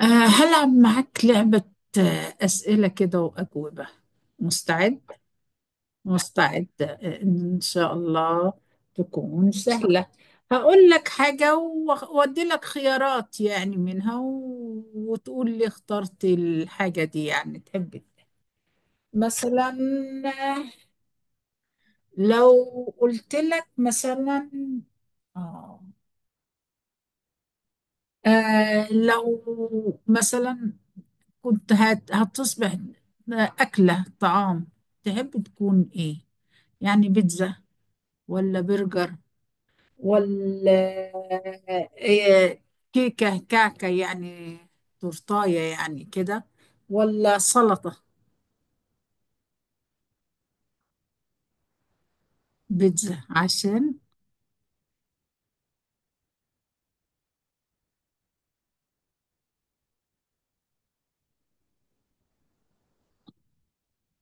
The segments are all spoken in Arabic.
هلعب معاك لعبة. أسئلة كده وأجوبة. مستعد؟ مستعد، إن شاء الله تكون سهلة. هقول لك حاجة وأدي لك خيارات يعني منها وتقول لي اخترت الحاجة دي، يعني تحب إيه. مثلا، آه، لو قلت لك مثلا، آه لو مثلا كنت هتصبح أكلة طعام، تحب تكون إيه؟ يعني بيتزا ولا برجر ولا إيه، كيكة كعكة يعني، تورتاية يعني كده، ولا سلطة؟ بيتزا عشان.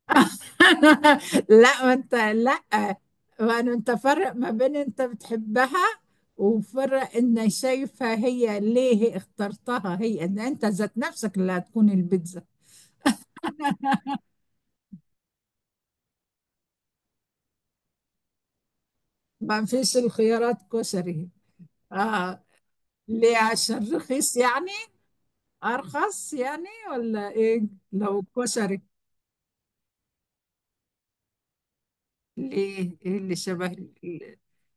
لا ما انت لا، وأنا انت فرق ما بين انت بتحبها، وفرق ان شايفها، هي ليه هي اخترتها، هي ان انت ذات نفسك اللي هتكون البيتزا. ما فيش الخيارات كشري. اه. ليه، عشان رخيص يعني؟ ارخص يعني ولا ايه؟ لو كشري، ليه، ايه اللي شبه؟ ال-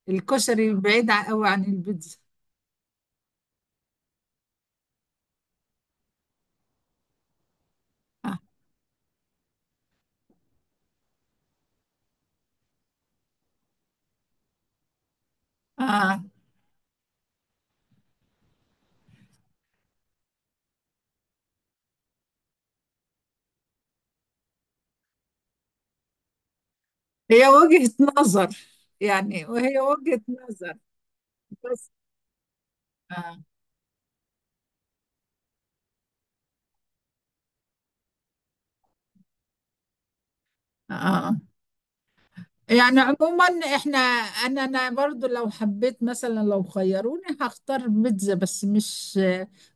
الكشري بعيد قوي عن البيتزا. آه. آه. هي وجهة نظر يعني، وهي وجهة نظر بس. آه. آه. يعني عموما احنا، انا برضو لو حبيت مثلا، لو خيروني هختار بيتزا، بس مش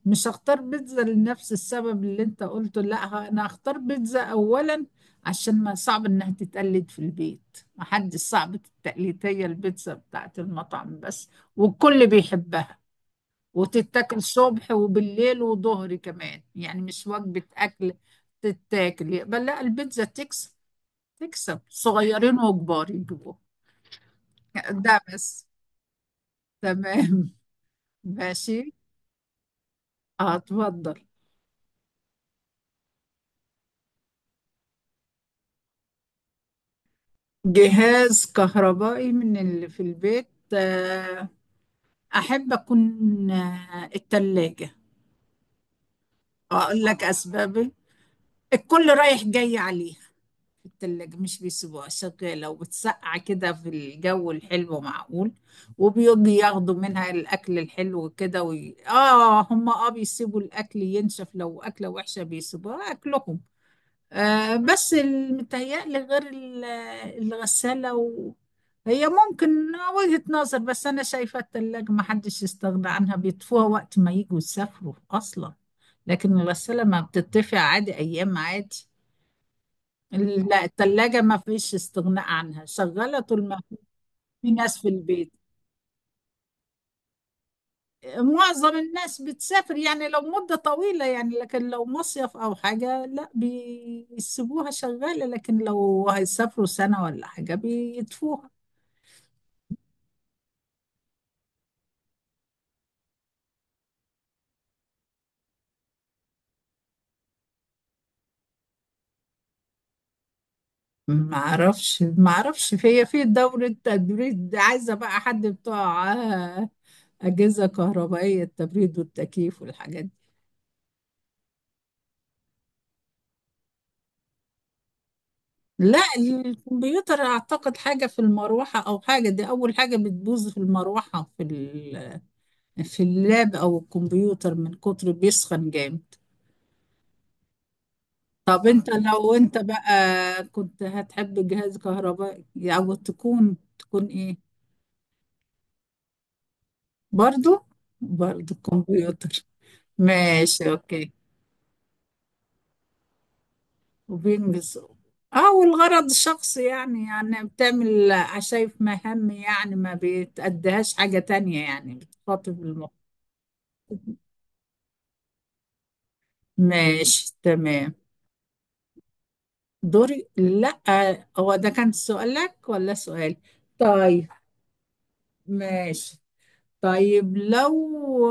مش هختار بيتزا لنفس السبب اللي انت قلته. لا، انا هختار بيتزا اولا، عشان ما صعب انها تتقلد في البيت، ما حد صعب التقليد، هي البيتزا بتاعت المطعم بس، والكل بيحبها، وتتاكل صبح وبالليل وظهر كمان، يعني مش وجبة اكل. تتاكل بل لا، البيتزا تكسب، تكسب صغيرين وكبار يجيبوها. ده بس. تمام. ماشي. اتفضل. جهاز كهربائي من اللي في البيت، آه، أحب أكون التلاجة. أقول لك أسبابي. الكل رايح جاي عليها، التلاجة مش بيسيبوها شغالة، وبتسقع كده في الجو الحلو، معقول. وبيجي ياخدوا منها الأكل الحلو كده، هم، بيسيبوا الأكل ينشف، لو أكلة وحشة بيسيبوها أكلهم. بس. متهيألي غير الغسالة هي ممكن وجهة نظر، بس أنا شايفة التلاجة ما حدش يستغنى عنها، بيطفوها وقت ما يجوا يسافروا أصلا. لكن الغسالة ما بتطفي عادي، أيام عادي. لا التلاجة ما فيش استغناء عنها، شغالة طول ما في ناس في البيت. معظم الناس بتسافر يعني لو مدة طويلة يعني، لكن لو مصيف أو حاجة لا بيسيبوها شغالة، لكن لو هيسافروا سنة ولا حاجة بيطفوها. ما اعرفش ما اعرفش، هي في دورة تبريد، عايزة بقى حد بتوع أجهزة كهربائية، التبريد والتكييف والحاجات دي. لا الكمبيوتر أعتقد حاجة في المروحة، أو حاجة، دي أول حاجة بتبوظ في المروحة، في اللاب أو الكمبيوتر من كتر بيسخن جامد. طب انت لو انت بقى كنت هتحب جهاز كهربائي، او تكون ايه؟ برضو. كمبيوتر. ماشي اوكي. وبينجز. اه. والغرض الشخصي يعني بتعمل، شايف مهام، يعني ما بتأديهاش حاجة تانية، يعني بتخاطب المخ. ماشي تمام. دوري، لا هو ده كان سؤالك ولا سؤال؟ طيب. ماشي. طيب لو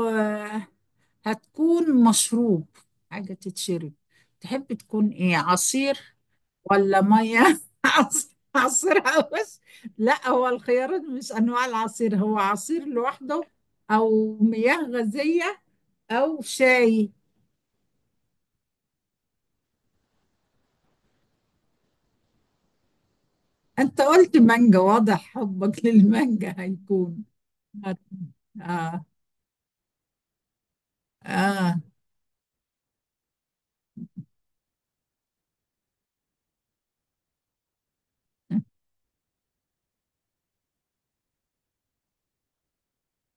آه، هتكون مشروب، حاجة تتشرب، تحب تكون ايه؟ عصير ولا مية. عصير بس. لا هو الخيارات مش انواع العصير، هو عصير لوحده، او مياه غازية، او شاي. انت قلت مانجا، واضح حبك للمانجا هيكون. هت- اه. اه.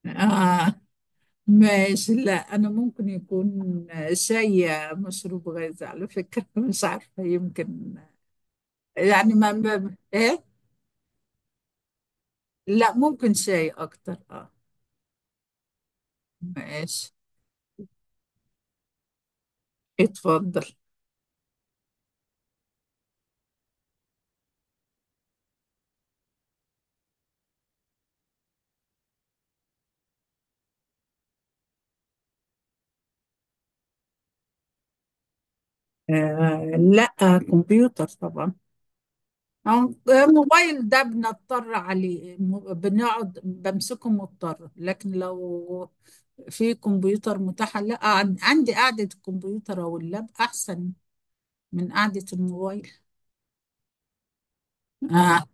اه. ماشي. لا انا ممكن يكون شاي، مشروب غازي على فكرة. مش عارفة، يمكن يعني ايه. لا ممكن شاي اكتر. اه. ماشي. اتفضل. لا، كمبيوتر طبعا. آه، موبايل ده بنضطر عليه، بنقعد بمسكه مضطر، لكن لو في كمبيوتر متاح لا، عندي قعدة الكمبيوتر او اللاب احسن من قعدة الموبايل. آه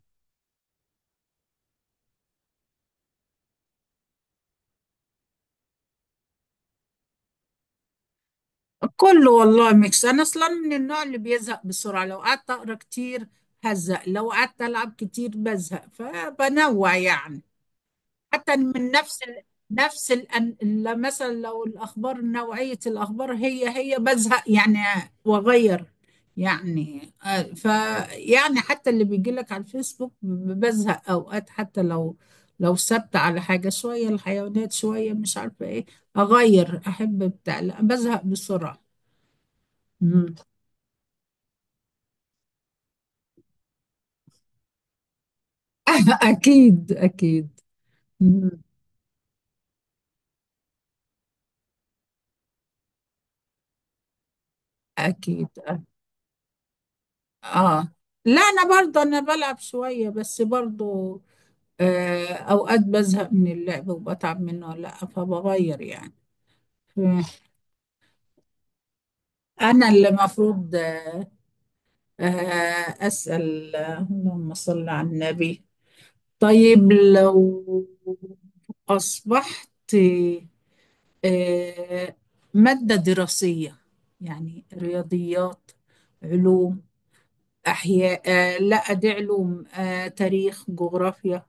كله والله ميكس. انا اصلا من النوع اللي بيزهق بسرعه، لو قعدت اقرا كتير هزهق، لو قعدت العب كتير بزهق، فبنوع يعني. حتى من لا مثلا، لو الاخبار نوعيه الاخبار هي بزهق يعني، واغير. يعني ف يعني، حتى اللي بيجي لك على الفيسبوك بزهق اوقات، حتى لو ثابته على حاجه شويه الحيوانات شويه مش عارفه ايه، اغير، احب بتاع، لا بزهق بسرعه. اكيد اكيد. مم. اكيد. اه. لا انا برضه، انا بلعب شويه بس برضه اوقات بزهق من اللعب وبتعب منه، لا فبغير يعني. مم. انا اللي مفروض اسال، اللهم صل على النبي. طيب لو اصبحت آه ماده دراسيه، يعني رياضيات، علوم، أحياء، لا دي علوم، تاريخ، جغرافيا،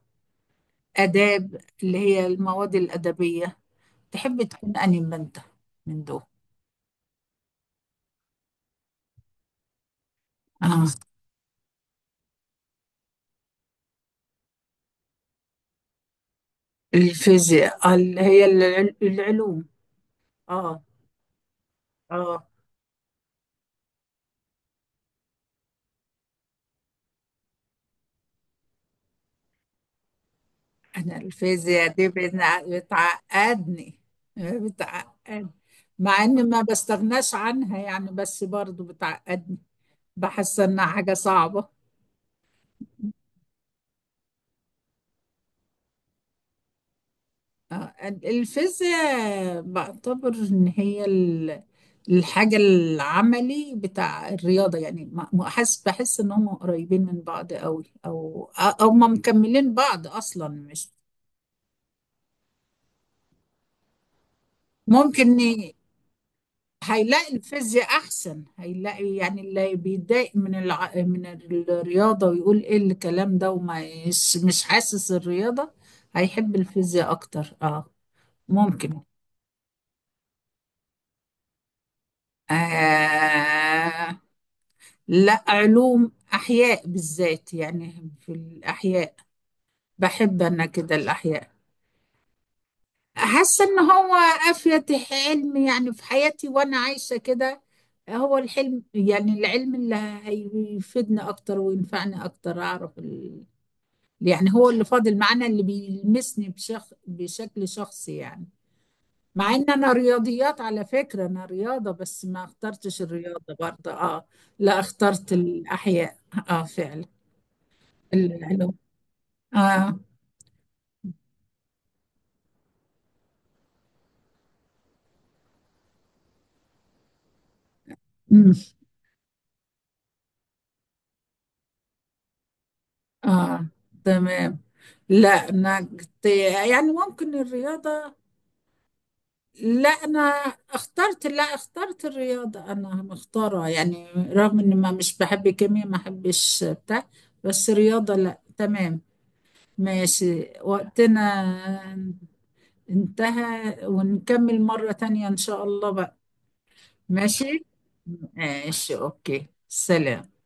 آداب اللي هي المواد الأدبية، تحب تكون أنهي أنت من دول؟ آه. الفيزياء، اللي هي العلوم. آه آه أنا الفيزياء دي بتعقدني. بتعقد. مع إني ما بستغناش عنها يعني، بس برضو بتعقدني، بحس إنها حاجة صعبة. الفيزياء بعتبر ان هي الحاجة العملي بتاع الرياضة، يعني بحس ان هم قريبين من بعض قوي، او ما مكملين بعض اصلا مش. ممكن هيلاقي الفيزياء احسن. هيلاقي يعني اللي بيتضايق من الرياضة، ويقول ايه الكلام ده، وما مش حاسس الرياضة، هيحب الفيزياء اكتر. اه. ممكن. آه لا علوم، احياء بالذات، يعني في الاحياء بحب انا كده الاحياء. حاسه ان هو افيد حلم يعني في حياتي وانا عايشه كده. هو الحلم يعني العلم اللي هيفيدني اكتر وينفعني اكتر، اعرف يعني هو اللي فاضل معانا، اللي بيلمسني بشكل شخصي يعني. مع ان انا رياضيات على فكره، انا رياضه، بس ما اخترتش الرياضه برضه. اه. لا اخترت الاحياء. اه فعلا. العلوم. اه. امم. اه. تمام. لا انا كنت يعني ممكن الرياضة. لا انا اخترت، لا اخترت الرياضة، انا مختارة يعني، رغم اني ما مش بحب كيمياء، ما بحبش بتاع، بس رياضة، لا تمام. ماشي، وقتنا انتهى، ونكمل مرة تانية ان شاء الله بقى. ماشي ماشي. اوكي. سلام.